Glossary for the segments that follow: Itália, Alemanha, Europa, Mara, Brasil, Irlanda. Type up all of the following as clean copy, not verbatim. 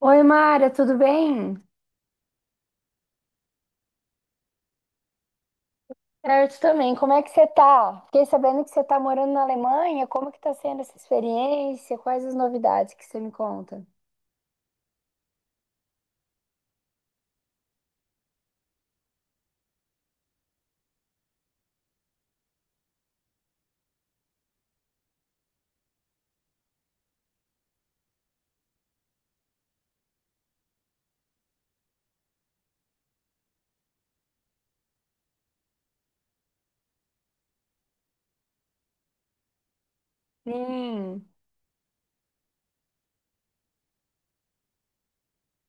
Oi, Mara, tudo bem? Certo também. Como é que você tá? Fiquei sabendo que você tá morando na Alemanha. Como que tá sendo essa experiência? Quais as novidades que você me conta? Sim,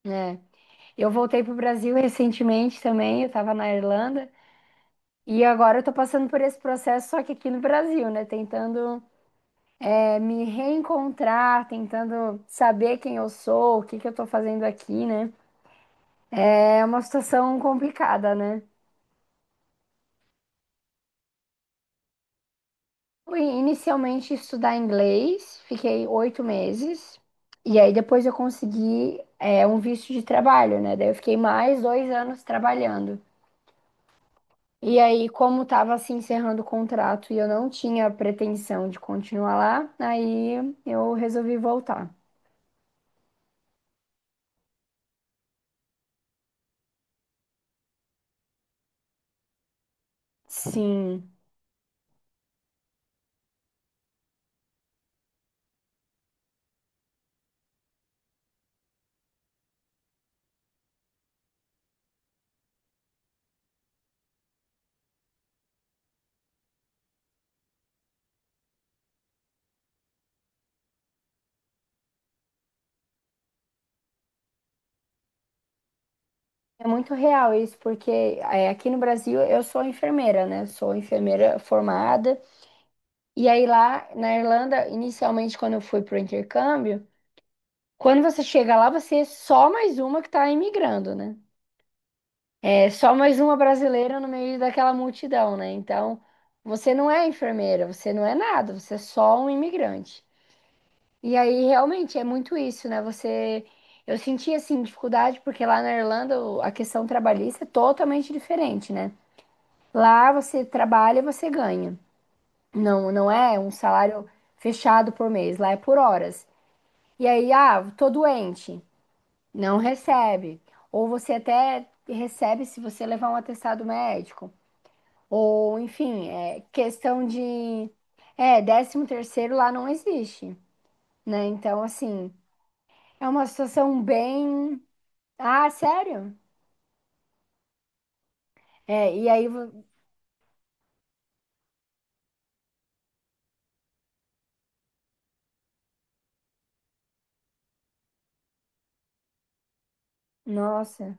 é. Eu voltei pro Brasil recentemente também, eu tava na Irlanda. E agora eu tô passando por esse processo, só que aqui no Brasil, né? Tentando, me reencontrar, tentando saber quem eu sou, o que que eu tô fazendo aqui, né? É uma situação complicada, né? Fui inicialmente estudar inglês, fiquei 8 meses, e aí depois eu consegui um visto de trabalho, né? Daí eu fiquei mais 2 anos trabalhando. E aí, como estava se encerrando o contrato e eu não tinha pretensão de continuar lá, aí eu resolvi voltar. Sim, é muito real isso, porque aqui no Brasil eu sou enfermeira, né? Sou enfermeira formada. E aí lá na Irlanda, inicialmente quando eu fui pro intercâmbio, quando você chega lá, você é só mais uma que está imigrando, né? É só mais uma brasileira no meio daquela multidão, né? Então, você não é enfermeira, você não é nada, você é só um imigrante. E aí, realmente, é muito isso, né? Você. Eu senti, assim, dificuldade, porque lá na Irlanda a questão trabalhista é totalmente diferente, né? Lá você trabalha e você ganha. Não, não é um salário fechado por mês, lá é por horas. E aí, ah, tô doente. Não recebe. Ou você até recebe se você levar um atestado médico. Ou, enfim, é questão de. É, décimo terceiro lá não existe, né? Então, assim, é uma situação bem. Ah, sério? É, e aí. Nossa.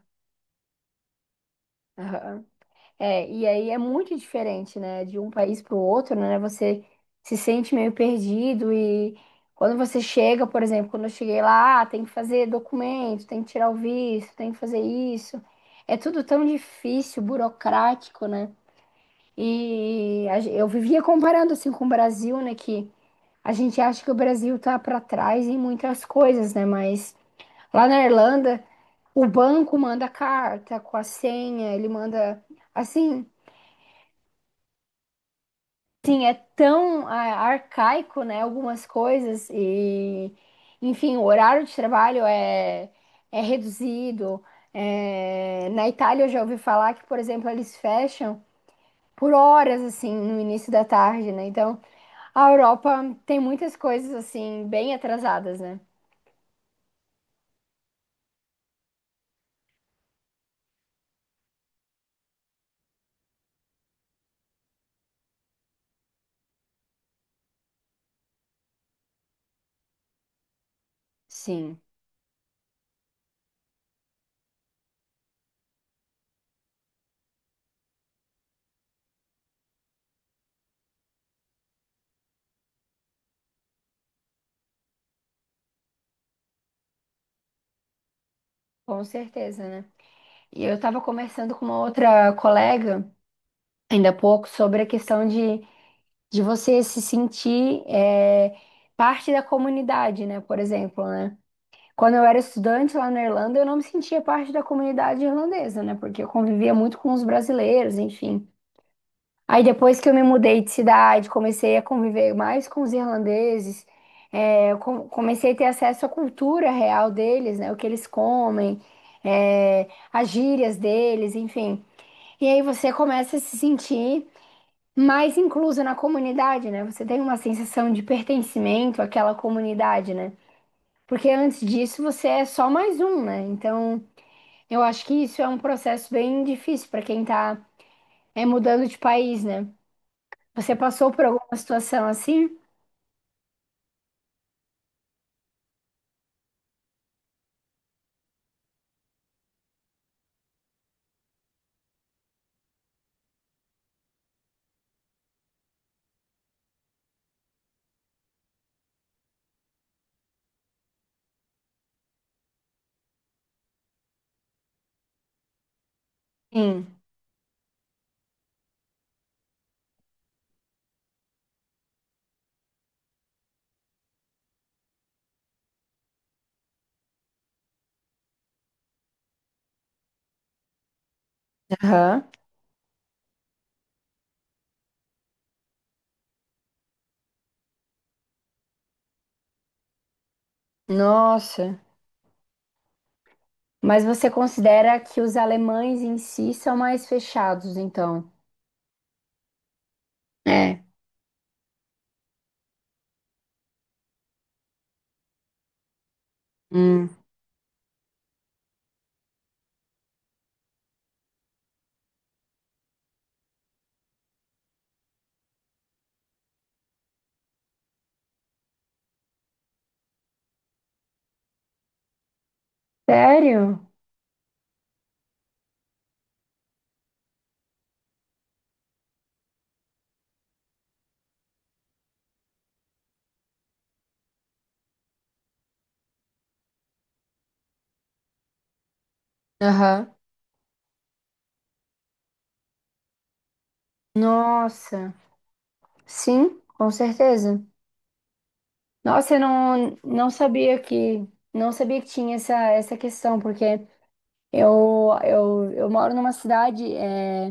É, e aí é muito diferente, né? De um país para o outro, né? Você se sente meio perdido e quando você chega, por exemplo, quando eu cheguei lá, ah, tem que fazer documento, tem que tirar o visto, tem que fazer isso. É tudo tão difícil, burocrático, né? Eu vivia comparando assim com o Brasil, né? Que a gente acha que o Brasil tá para trás em muitas coisas, né? Mas lá na Irlanda, o banco manda carta com a senha, ele manda assim. Tão ah, arcaico, né, algumas coisas e, enfim, o horário de trabalho é reduzido. É, na Itália eu já ouvi falar que, por exemplo, eles fecham por horas, assim, no início da tarde, né? Então, a Europa tem muitas coisas, assim, bem atrasadas, né? Sim, com certeza, né? E eu estava conversando com uma outra colega ainda há pouco sobre a questão de você se sentir parte da comunidade, né? Por exemplo, né? Quando eu era estudante lá na Irlanda, eu não me sentia parte da comunidade irlandesa, né? Porque eu convivia muito com os brasileiros, enfim. Aí depois que eu me mudei de cidade, comecei a conviver mais com os irlandeses, comecei a ter acesso à cultura real deles, né? O que eles comem, as gírias deles, enfim. E aí você começa a se sentir mais inclusa na comunidade, né? Você tem uma sensação de pertencimento àquela comunidade, né? Porque antes disso você é só mais um, né? Então, eu acho que isso é um processo bem difícil para quem tá mudando de país, né? Você passou por alguma situação assim? Sim. Aham. Nossa. Mas você considera que os alemães em si são mais fechados, então? É. Hum. Sério? Aham. Nossa. Sim, com certeza. Nossa, eu não, não sabia que não sabia que tinha essa questão, porque eu moro numa cidade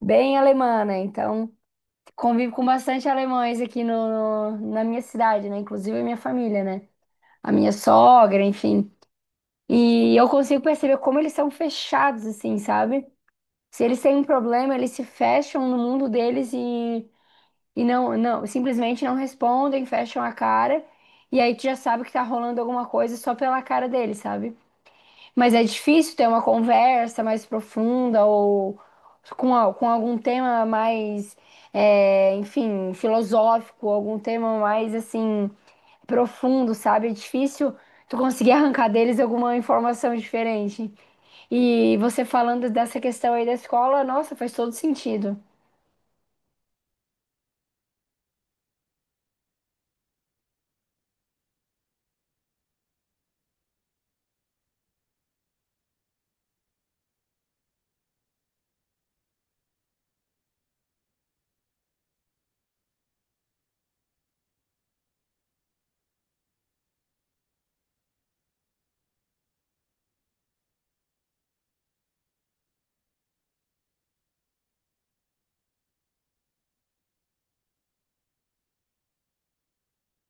bem alemã, né? Então convivo com bastante alemães aqui na minha cidade, né? Inclusive a minha família, né? A minha sogra, enfim. E eu consigo perceber como eles são fechados, assim, sabe? Se eles têm um problema, eles se fecham no mundo deles e não, simplesmente não respondem, fecham a cara, e aí tu já sabe que tá rolando alguma coisa só pela cara dele, sabe? Mas é difícil ter uma conversa mais profunda ou com, com algum tema mais, enfim, filosófico, algum tema mais assim, profundo, sabe? É difícil tu conseguir arrancar deles alguma informação diferente. E você falando dessa questão aí da escola, nossa, faz todo sentido.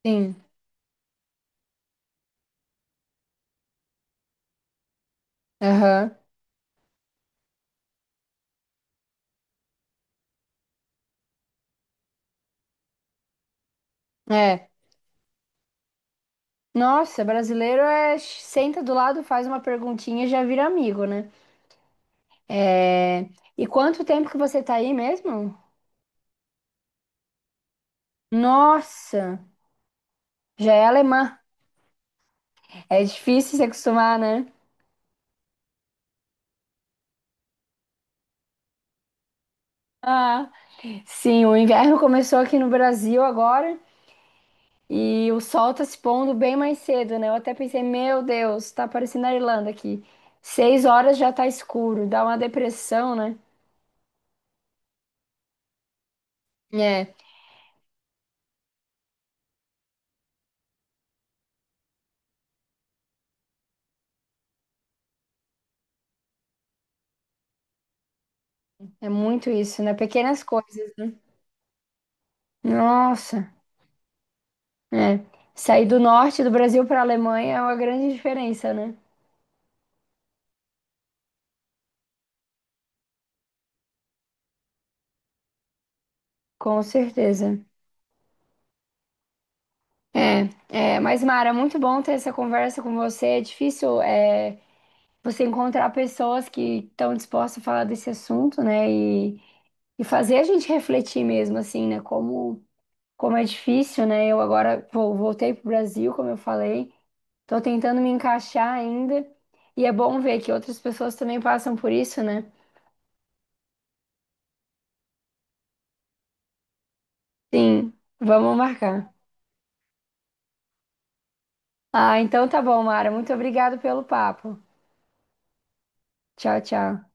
Sim. Aham. É. Nossa, brasileiro é senta do lado, faz uma perguntinha e já vira amigo, né? É... E quanto tempo que você tá aí mesmo? Nossa, já é alemã. É difícil se acostumar, né? Ah, sim, o inverno começou aqui no Brasil agora e o sol tá se pondo bem mais cedo, né? Eu até pensei, meu Deus, tá parecendo a Irlanda aqui. 6 horas já tá escuro, dá uma depressão, né? É, é muito isso, né? Pequenas coisas, né? Nossa. É. Sair do norte do Brasil para a Alemanha é uma grande diferença, né? Com certeza. É, é, mas Mara, muito bom ter essa conversa com você. É difícil, é, você encontrar pessoas que estão dispostas a falar desse assunto, né? E fazer a gente refletir mesmo, assim, né? Como, como é difícil, né? Eu agora voltei para o Brasil, como eu falei, estou tentando me encaixar ainda. E é bom ver que outras pessoas também passam por isso, né? Sim, vamos marcar. Ah, então tá bom, Mara. Muito obrigada pelo papo. Tchau, tchau.